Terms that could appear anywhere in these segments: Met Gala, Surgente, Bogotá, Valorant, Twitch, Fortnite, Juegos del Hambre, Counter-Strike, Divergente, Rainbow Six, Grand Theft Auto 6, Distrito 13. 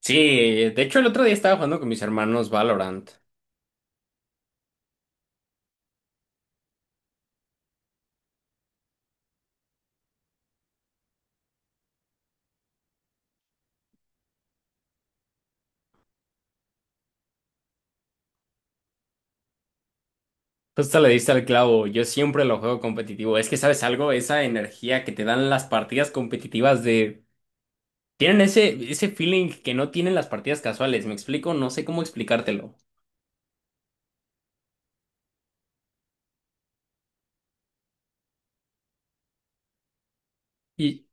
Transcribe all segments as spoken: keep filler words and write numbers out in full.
Sí, de hecho el otro día estaba jugando con mis hermanos Valorant. Justo le diste al clavo, yo siempre lo juego competitivo. Es que, ¿sabes algo? Esa energía que te dan las partidas competitivas de. Tienen ese, ese feeling que no tienen las partidas casuales, ¿me explico? No sé cómo explicártelo. Y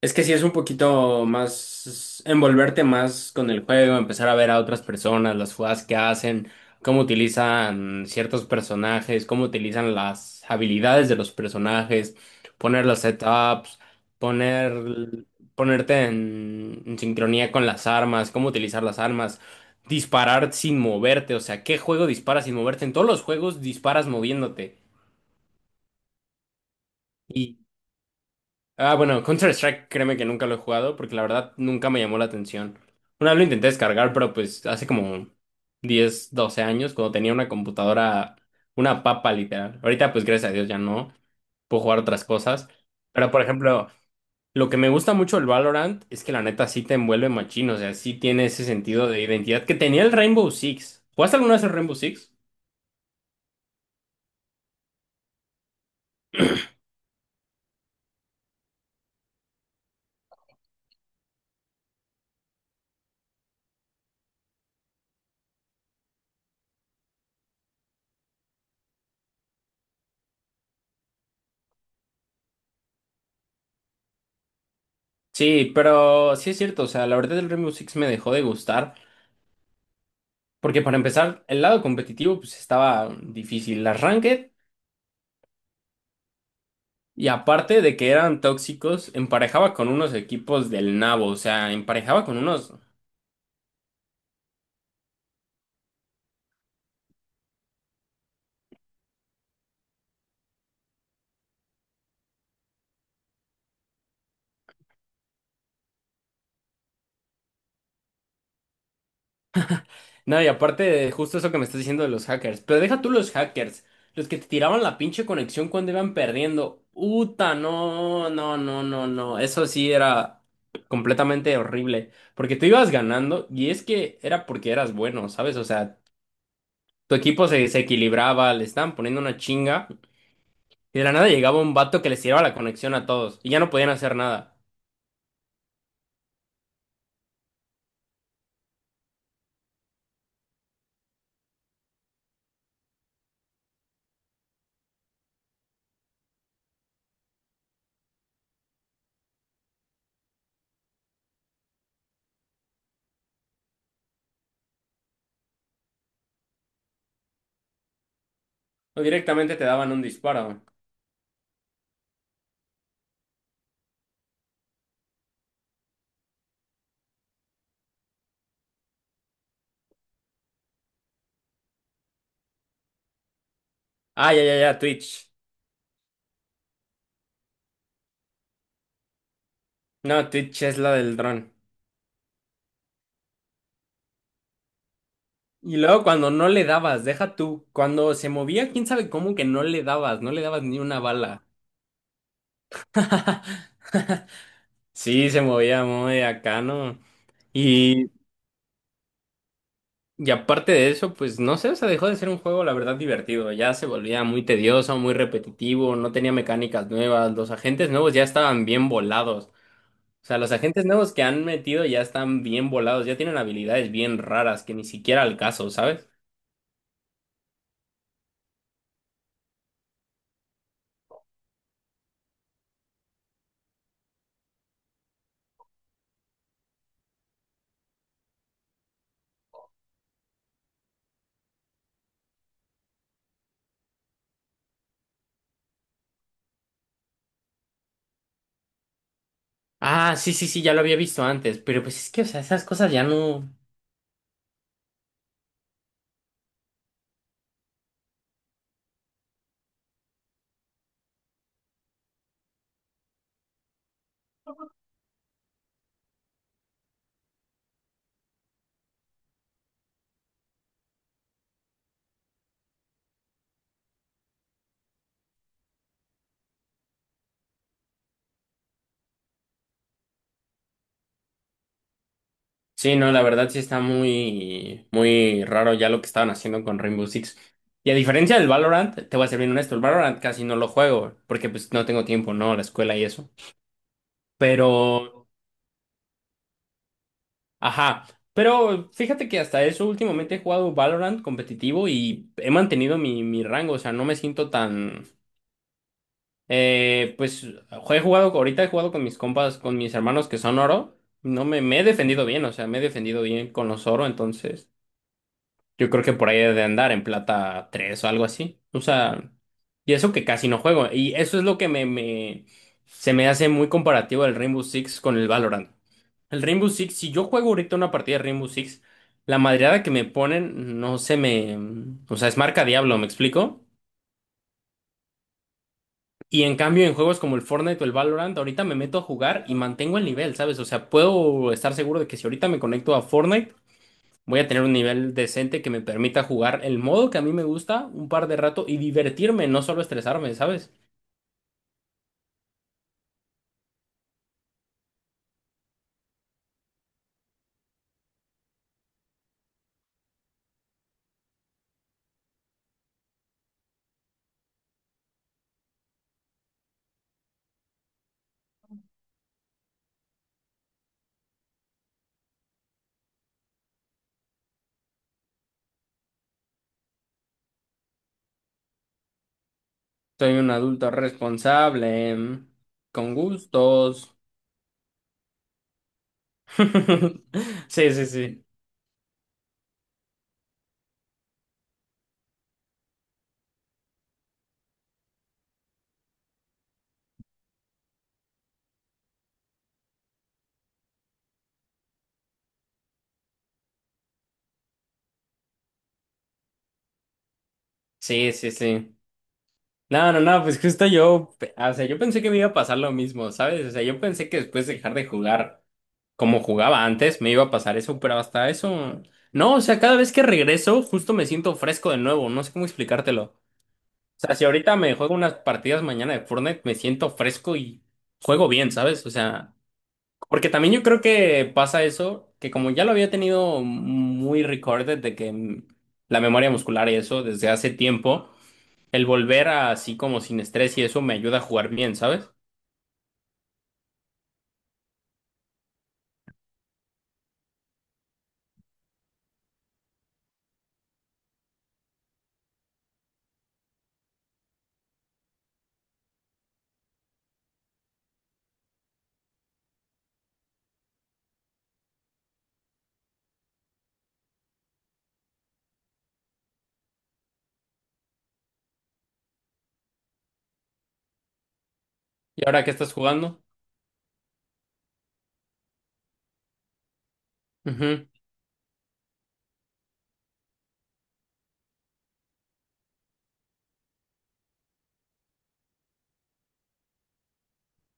Es que sí es un poquito más envolverte más con el juego, empezar a ver a otras personas, las jugadas que hacen, cómo utilizan ciertos personajes, cómo utilizan las habilidades de los personajes, poner los setups, poner, ponerte en, en sincronía con las armas, cómo utilizar las armas, disparar sin moverte, o sea, ¿qué juego disparas sin moverte? En todos los juegos disparas moviéndote. Ah, bueno, Counter-Strike, créeme que nunca lo he jugado porque la verdad nunca me llamó la atención. Una vez lo intenté descargar, pero pues hace como diez, doce años, cuando tenía una computadora, una papa literal. Ahorita pues gracias a Dios ya no, puedo jugar otras cosas. Pero por ejemplo, lo que me gusta mucho del Valorant es que la neta sí te envuelve machín, o sea, sí tiene ese sentido de identidad que tenía el Rainbow Six. ¿Jugaste alguna vez el Rainbow Six? Sí, pero sí es cierto, o sea, la verdad el Rainbow Six me dejó de gustar. Porque para empezar, el lado competitivo pues estaba difícil. Las ranked, y aparte de que eran tóxicos, emparejaba con unos equipos del nabo, o sea, emparejaba con unos. No, y aparte de justo eso que me estás diciendo de los hackers, pero deja tú los hackers, los que te tiraban la pinche conexión cuando iban perdiendo. Uta, no, no, no, no, no, eso sí era completamente horrible, porque tú ibas ganando y es que era porque eras bueno, ¿sabes? O sea, tu equipo se, se equilibraba, le estaban poniendo una chinga. Y de la nada llegaba un vato que les tiraba la conexión a todos y ya no podían hacer nada. O directamente te daban un disparo. Ah, ya, ya, ya, Twitch. No, Twitch es la del dron. Y luego cuando no le dabas, deja tú. Cuando se movía, quién sabe cómo que no le dabas, no le dabas ni una bala. Sí, se movía muy acá, ¿no? Y, y aparte de eso, pues no sé, o sea, dejó de ser un juego, la verdad, divertido. Ya se volvía muy tedioso, muy repetitivo, no tenía mecánicas nuevas, los agentes nuevos ya estaban bien volados. O sea, los agentes nuevos que han metido ya están bien volados, ya tienen habilidades bien raras que ni siquiera al caso, ¿sabes? Ah, sí, sí, sí, ya lo había visto antes, pero pues es que, o sea, esas cosas ya no. Sí, no, la verdad sí está muy, muy raro ya lo que estaban haciendo con Rainbow Six. Y a diferencia del Valorant, te voy a ser bien honesto, el Valorant casi no lo juego, porque pues no tengo tiempo, ¿no? La escuela y eso. Pero, ajá. Pero fíjate que hasta eso últimamente he jugado Valorant competitivo y he mantenido mi, mi rango, o sea, no me siento tan. Eh, pues he jugado, ahorita he jugado con mis compas, con mis hermanos que son oro. No, me, me he defendido bien, o sea, me he defendido bien con los oro, entonces yo creo que por ahí he de andar en plata tres o algo así. O sea, y eso que casi no juego. Y eso es lo que me, me se me hace muy comparativo el Rainbow Six con el Valorant. El Rainbow Six, si yo juego ahorita una partida de Rainbow Six, la madreada que me ponen no se me, o sea, es marca diablo, ¿me explico? Y en cambio, en juegos como el Fortnite o el Valorant, ahorita me meto a jugar y mantengo el nivel, ¿sabes? O sea, puedo estar seguro de que si ahorita me conecto a Fortnite, voy a tener un nivel decente que me permita jugar el modo que a mí me gusta un par de rato y divertirme, no solo estresarme, ¿sabes? Soy un adulto responsable, mm, con gustos. Sí, sí, sí. Sí, sí, sí. No, no, no, pues justo yo, pe- o sea, yo pensé que me iba a pasar lo mismo, ¿sabes? O sea, yo pensé que después de dejar de jugar como jugaba antes, me iba a pasar eso, pero hasta eso, no, o sea, cada vez que regreso, justo me siento fresco de nuevo, no sé cómo explicártelo. O sea, si ahorita me juego unas partidas mañana de Fortnite, me siento fresco y juego bien, ¿sabes? O sea, porque también yo creo que pasa eso, que como ya lo había tenido muy recorded de que mm, la memoria muscular y eso desde hace tiempo. El volver a así como sin estrés y eso me ayuda a jugar bien, ¿sabes? ¿Y ahora qué estás jugando? Ujú,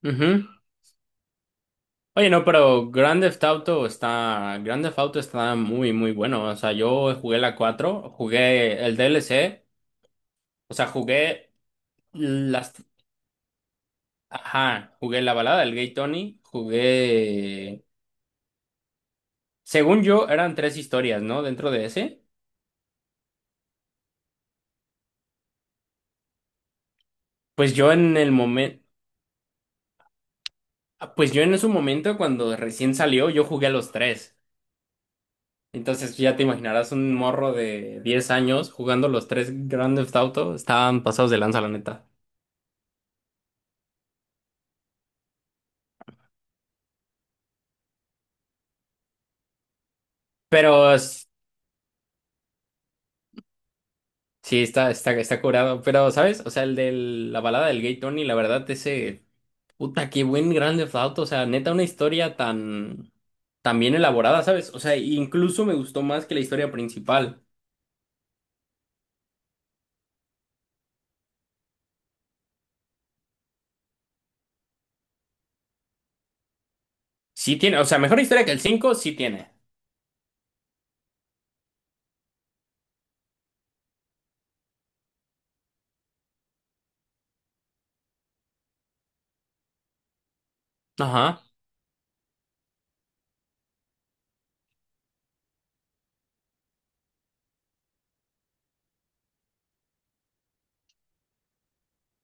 ujú. Oye, no, pero Grand Theft Auto está, Grand Theft Auto está muy, muy bueno. O sea, yo jugué la cuatro, jugué el D L C, o sea, jugué las, ajá, jugué la balada del Gay Tony, jugué, según yo, eran tres historias, ¿no? Dentro de ese. Pues yo en el momento, pues yo en ese momento cuando recién salió, yo jugué a los tres. Entonces ya te imaginarás un morro de diez años jugando los tres Grand Theft Auto. Estaban pasados de lanza, la neta. Pero s- sí, está, está, está curado. Pero, ¿sabes? O sea, el de la balada del Gay Tony, la verdad, ese. Puta, qué buen Grand Theft Auto. O sea, neta, una historia tan... tan bien elaborada, ¿sabes? O sea, incluso me gustó más que la historia principal. Sí tiene, o sea, mejor historia que el cinco sí tiene. Ajá.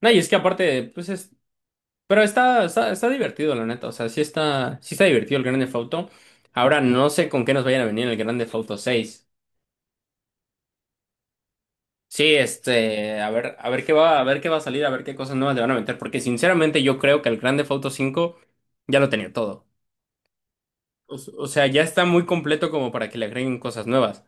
No, y es que aparte, pues es pero está, está, está divertido, la neta. O sea, sí está, sí está divertido el Grand Theft Auto. Ahora no sé con qué nos vayan a venir en el Grand Theft Auto seis. Sí, este, a ver, a ver qué va, a ver qué va a salir, a ver qué cosas nuevas le van a meter. Porque sinceramente yo creo que el Grand Theft Auto cinco ya lo tenía todo. O, s- o sea, ya está muy completo como para que le agreguen cosas nuevas.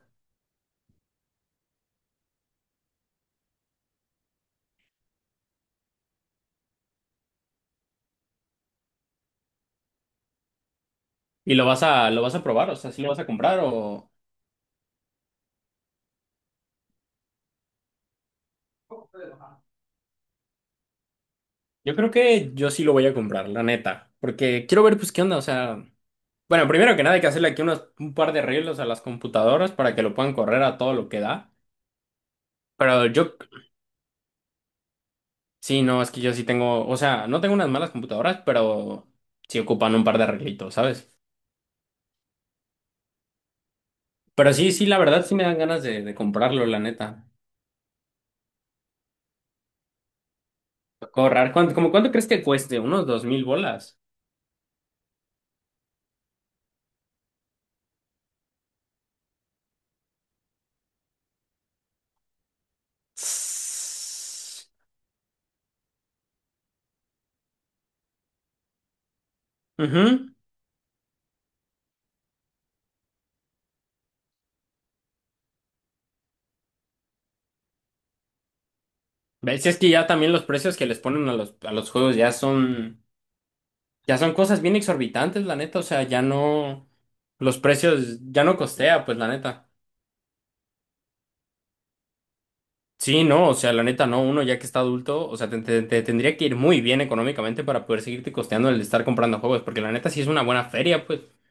Y lo vas a, lo vas a probar, o sea, sí lo vas a comprar o. Yo creo que yo sí lo voy a comprar, la neta. Porque quiero ver, pues, qué onda, o sea. Bueno, primero que nada hay que hacerle aquí unos, un par de arreglos a las computadoras para que lo puedan correr a todo lo que da. Pero yo, sí, no, es que yo sí tengo, o sea, no tengo unas malas computadoras, pero sí ocupan un par de arreglitos, ¿sabes? Pero sí, sí, la verdad sí me dan ganas de, de comprarlo, la neta. Correr, ¿cuánto, como cuánto crees que cueste? ¿Unos dos mil bolas? Tss. Ujú. ¿Ves? Si es que ya también los precios que les ponen a los, a los juegos ya son. Ya son cosas bien exorbitantes, la neta, o sea, ya no, los precios ya no costea, pues la neta. Sí, no, o sea, la neta no, uno ya que está adulto, o sea, te, te- te tendría que ir muy bien económicamente para poder seguirte costeando el estar comprando juegos, porque la neta sí es una buena feria, pues.